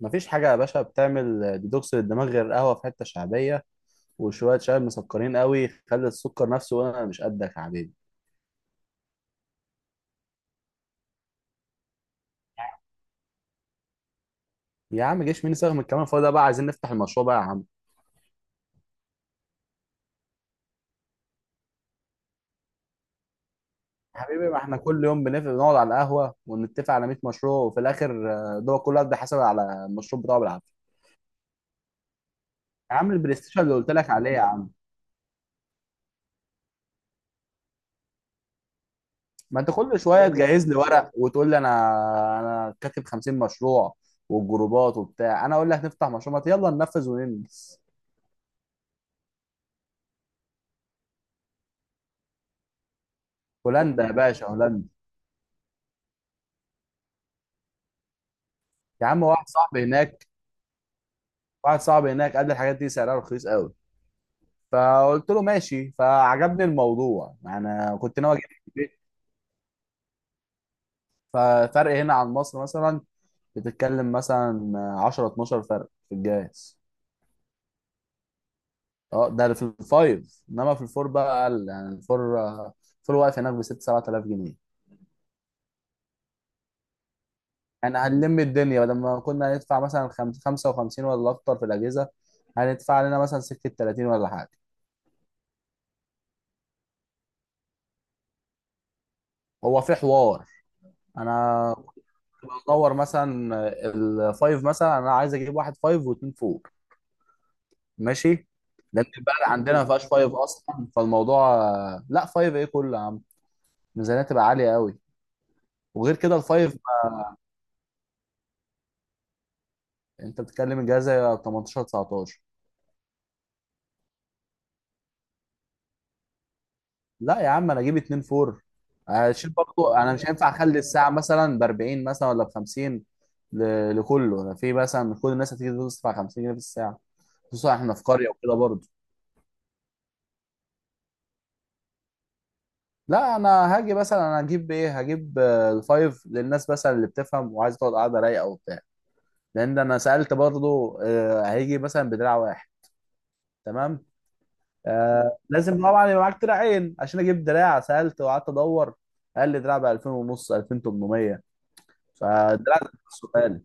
مفيش حاجة يا باشا، بتعمل ديتوكس للدماغ غير القهوة في حتة شعبية، وشوية شاي مسكرين قوي خلي السكر نفسه. وأنا مش قدك يا حبيبي. يا عم جيش مين يساغم الكلام الفاضي ده بقى، عايزين نفتح المشروع بقى يا عم. حبيبي، ما احنا كل يوم بنقعد على القهوة ونتفق على 100 مشروع وفي الآخر، ده كل واحد بيحاسب على المشروع بتاعه بالعافية. يا عم البلاي ستيشن اللي قلت لك عليه يا عم. ما انت كل شوية تجهز لي ورق وتقول لي انا كاتب 50 مشروع والجروبات وبتاع. انا اقول لك نفتح مشروع، ما يلا ننفذ وننجز. هولندا يا باشا، هولندا. يا عم واحد صاحبي هناك، واحد صاحبي هناك قال لي الحاجات دي سعرها رخيص قوي، فقلت له ماشي، فعجبني الموضوع، انا كنت ناوي اجيب البيت. ففرق هنا عن مصر مثلا، بتتكلم مثلا 10 12 فرق في الجهاز. اه ده في الفايف، انما في الفور بقى اقل. يعني الفور، الفور واقف هناك ب 6 7000 جنيه. يعني هنلم الدنيا بدل ما كنا هندفع مثلا 55 ولا اكتر في الاجهزه، هندفع لنا مثلا سكه 30 ولا حاجه. هو في حوار، انا بدور مثلا الفايف، مثلا انا عايز اجيب واحد فايف واثنين فور. ماشي. لان البلد عندنا ما فيهاش فايف اصلا، فالموضوع لا فايف ايه كله يا عم، الميزانيه تبقى عاليه قوي. وغير كده الفايف. انت بتتكلم الجهاز 18 19. لا يا عم انا اجيب اتنين فور. هشيل برضه، انا مش هينفع اخلي الساعه مثلا ب 40 مثلا ولا ب 50. لكله، انا في مثلا من كل الناس هتيجي تدفع 50 جنيه في الساعه، خصوصا احنا في قريه وكده برضه. لا انا هاجي مثلا، انا هجيب ايه، هجيب الفايف للناس مثلا اللي بتفهم وعايز تقعد قاعده رايقه وبتاع. لان انا سالت برضو، هيجي مثلا بدراع واحد. تمام. آه لازم طبعا يبقى معاك دراعين عشان اجيب دراع. سالت وقعدت ادور، قال لي دراع ب 2000 ونص، 2800. فالدراع ده نفسه غالي.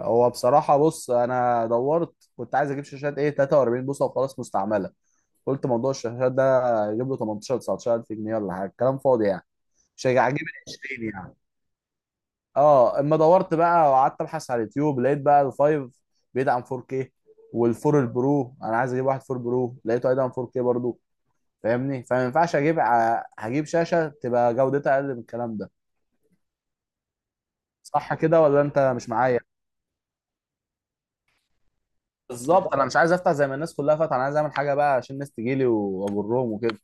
هو بصراحه، بص انا دورت كنت عايز اجيب شاشات ايه 43 بوصه وخلاص مستعمله. قلت موضوع الشاشات ده اجيب له 18 19 الف جنيه ولا حاجه، كلام فاضي يعني. مش هيجي- هجيب ال 20 يعني. اه اما دورت بقى وقعدت ابحث على اليوتيوب، لقيت بقى الفايف بيدعم 4K، والفور البرو، انا عايز اجيب واحد فور برو لقيته هيدعم 4K برضو. فاهمني؟ فما ينفعش اجيب هجيب شاشه تبقى جودتها اقل من الكلام ده. صح كده ولا انت مش معايا؟ بالظبط، انا مش عايز افتح زي ما الناس كلها فاتحه، انا عايز اعمل حاجه بقى عشان الناس تجيلي واجرهم وكده.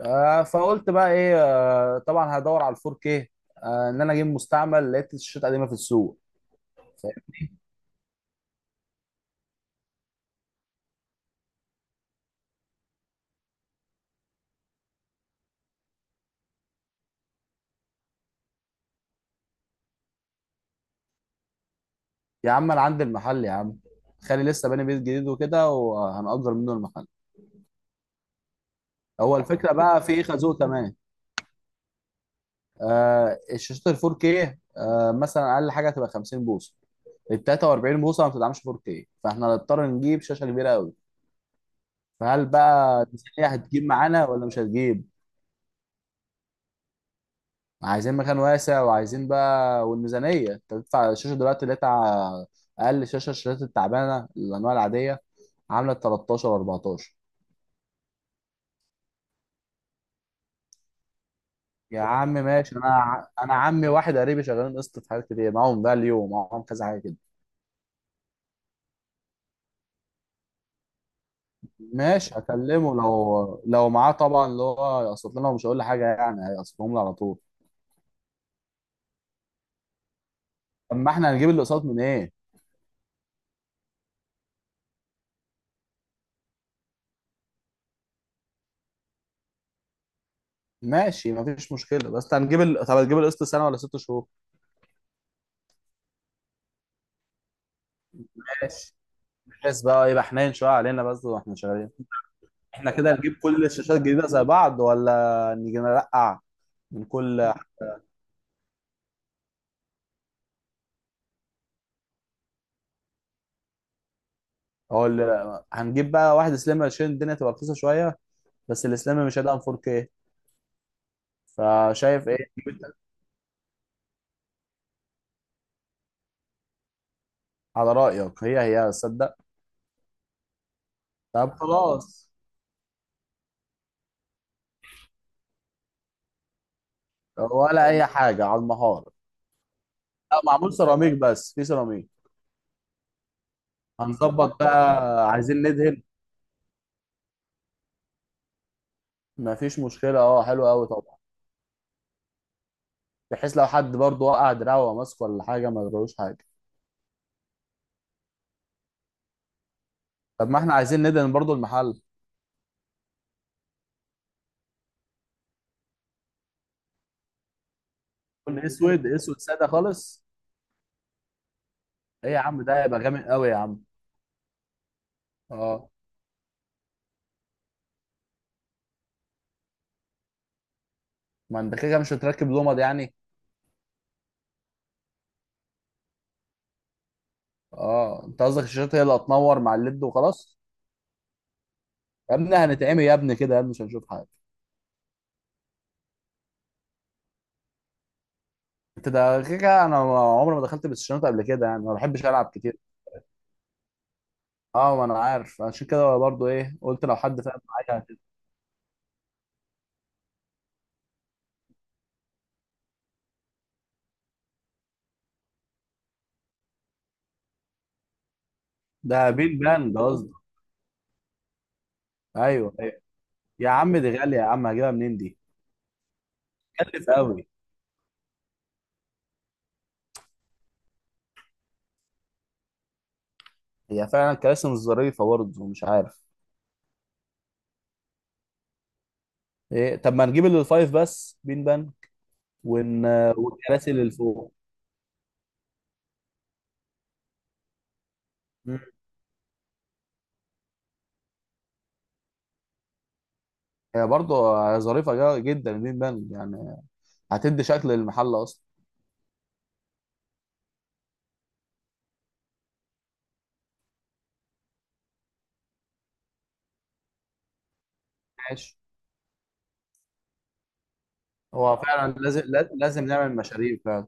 فقلت بقى ايه، طبعا هدور على الفور 4K. ان انا اجيب مستعمل، لقيت الشاشات قديمه في السوق. يا عم انا عندي المحل يا عم، خالي لسه باني بيت جديد وكده، وهنأجر منه المحل. هو الفكره بقى في ايه، خازوق كمان. آه الشاشات ال 4K، مثلا اقل حاجه تبقى 50 بوصه. ال 43 بوصه ما بتدعمش 4K، فاحنا هنضطر نجيب شاشه كبيره قوي. فهل بقى الميزانيه هتجيب معانا ولا مش هتجيب؟ عايزين مكان واسع، وعايزين بقى، والميزانيه، انت بتدفع الشاشه دلوقتي اللي هي بتاع اقل شاشه، الشاشات التعبانه الانواع العاديه، عامله 13 و14. يا عم ماشي. انا انا عمي واحد قريبي شغالين قسط في حاجات كتير، معاهم فاليو ومعاهم كذا حاجه كده. ماشي هكلمه. لو معاه طبعا، اللي هو يقسط لنا ومش هقول له حاجه يعني، هيقسطهم لي على طول. طب ما احنا هنجيب الاقساط من ايه؟ ماشي مفيش مشكله، بس هنجيب طب هتجيب القسط سنه ولا ست شهور؟ ماشي. بحيث بقى يبقى حنين شويه علينا بس واحنا شغالين. احنا كده هنجيب كل الشاشات الجديده زي بعض ولا نيجي نرقع؟ من كل. هقول هنجيب بقى واحد سليم عشان الدنيا تبقى رخيصه شويه، بس السليم مش هيدعم 4K. فشايف ايه؟ على رأيك، هي صدق. طب خلاص. ولا اي حاجة على المهارة. لا معمول سيراميك، بس في سيراميك. هنظبط بقى. عايزين ندهن. مفيش مشكلة، اه حلو قوي طبعا. بحيث لو حد برضه وقع دراعه وهو ماسك ولا حاجة ما يجروش حاجة. طب ما احنا عايزين ندهن برضه المحل. لون اسود، اسود سادة خالص. ايه يا عم، ده هيبقى جامد قوي يا عم. اه ما انت كده كده مش هتركب لمض يعني. اه انت قصدك الشاشات هي اللي هتنور مع الليد وخلاص. يا ابني هنتعمي يا ابني كده، يا ابني مش هنشوف حاجة. انت ده كده كده، انا عمري ما دخلت بلاي ستيشن قبل كده، يعني ما بحبش العب كتير. اه ما انا عارف، عشان كده برضو ايه قلت لو حد فاهم معايا هتبقى. ده بيت باند قصدي. ايوه ايوه. يا عم دي غاليه يا عم، هجيبها منين دي؟ كلف قوي. هي فعلا كراسي مش ظريفه برضه مش عارف. ايه، طب ما نجيب اللي الفايف بس بين بان ون... والكراسي اللي فوق. مم. هي برضه ظريفه جدا البين بان يعني، هتدي شكل للمحل اصلا. ماشي. هو فعلا لازم لازم نعمل مشاريع فعلا.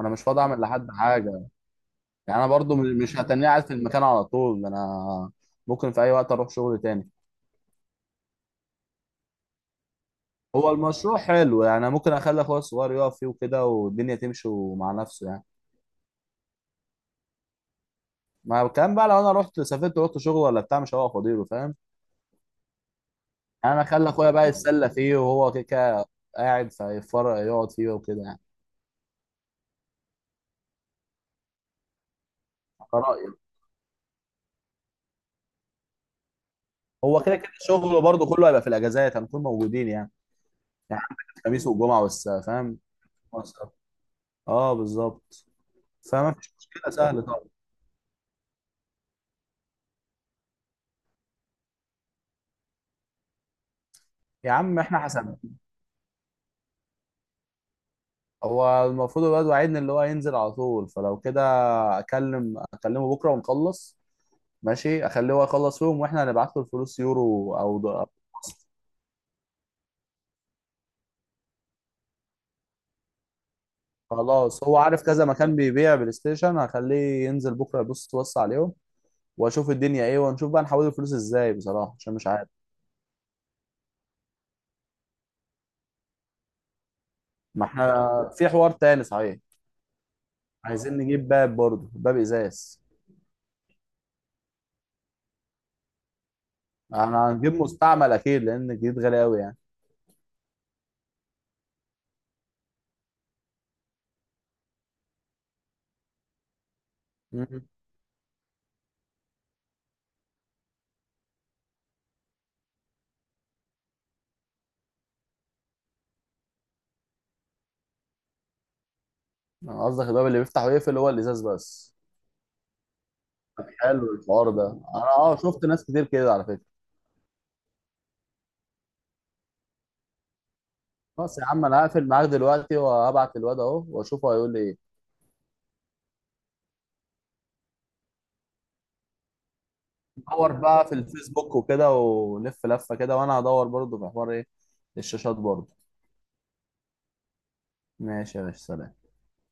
انا مش فاضي اعمل لحد حاجه يعني. انا برضو مش هتنيه قاعد في المكان على طول، انا ممكن في اي وقت اروح شغل تاني. هو المشروع حلو يعني. أنا ممكن اخلي اخويا الصغير يقف فيه وكده والدنيا تمشي مع نفسه يعني. ما الكلام بقى، لو انا رحت سافرت ورحت شغل ولا بتاع، مش هوقف فاضيله، فاهم؟ يعني انا اخلي اخويا بقى يتسلى فيه، وهو كده كده قاعد فيتفرج، يقعد فيه وكده يعني. كرأيي. هو كده كده شغله برضه كله هيبقى في الاجازات هنكون موجودين يعني. يعني عندك الخميس والجمعه والس، فاهم؟ اه بالظبط. فما فيش مشكله، سهله طبعا. يا عم احنا حسبناها. هو المفروض الواد وعدني اللي هو ينزل على طول، فلو كده اكلمه بكره ونخلص. ماشي اخليه هو يخلص يوم، واحنا هنبعت له الفلوس يورو او خلاص هو عارف كذا مكان بيبيع بلاي ستيشن، هخليه ينزل بكره يبص بص عليهم، واشوف الدنيا ايه، ونشوف بقى نحول الفلوس ازاي بصراحه عشان مش عارف. ما احنا في حوار تاني صحيح. عايزين نجيب باب برضه، باب ازاز. احنا هنجيب مستعمل اكيد، لان الجديد غالي قوي يعني. مم. أنا قصدك الباب اللي بيفتح ويقفل هو الازاز بس. حلو الحوار ده، انا اه شفت ناس كتير كده على فكره. خلاص يا عم، انا هقفل معاك دلوقتي، وهبعت الواد اهو واشوفه هيقول لي ايه. دور بقى في الفيسبوك وكده ولف لفه كده، وانا هدور برضه في حوار ايه، الشاشات برضه. ماشي يا باشا، سلام.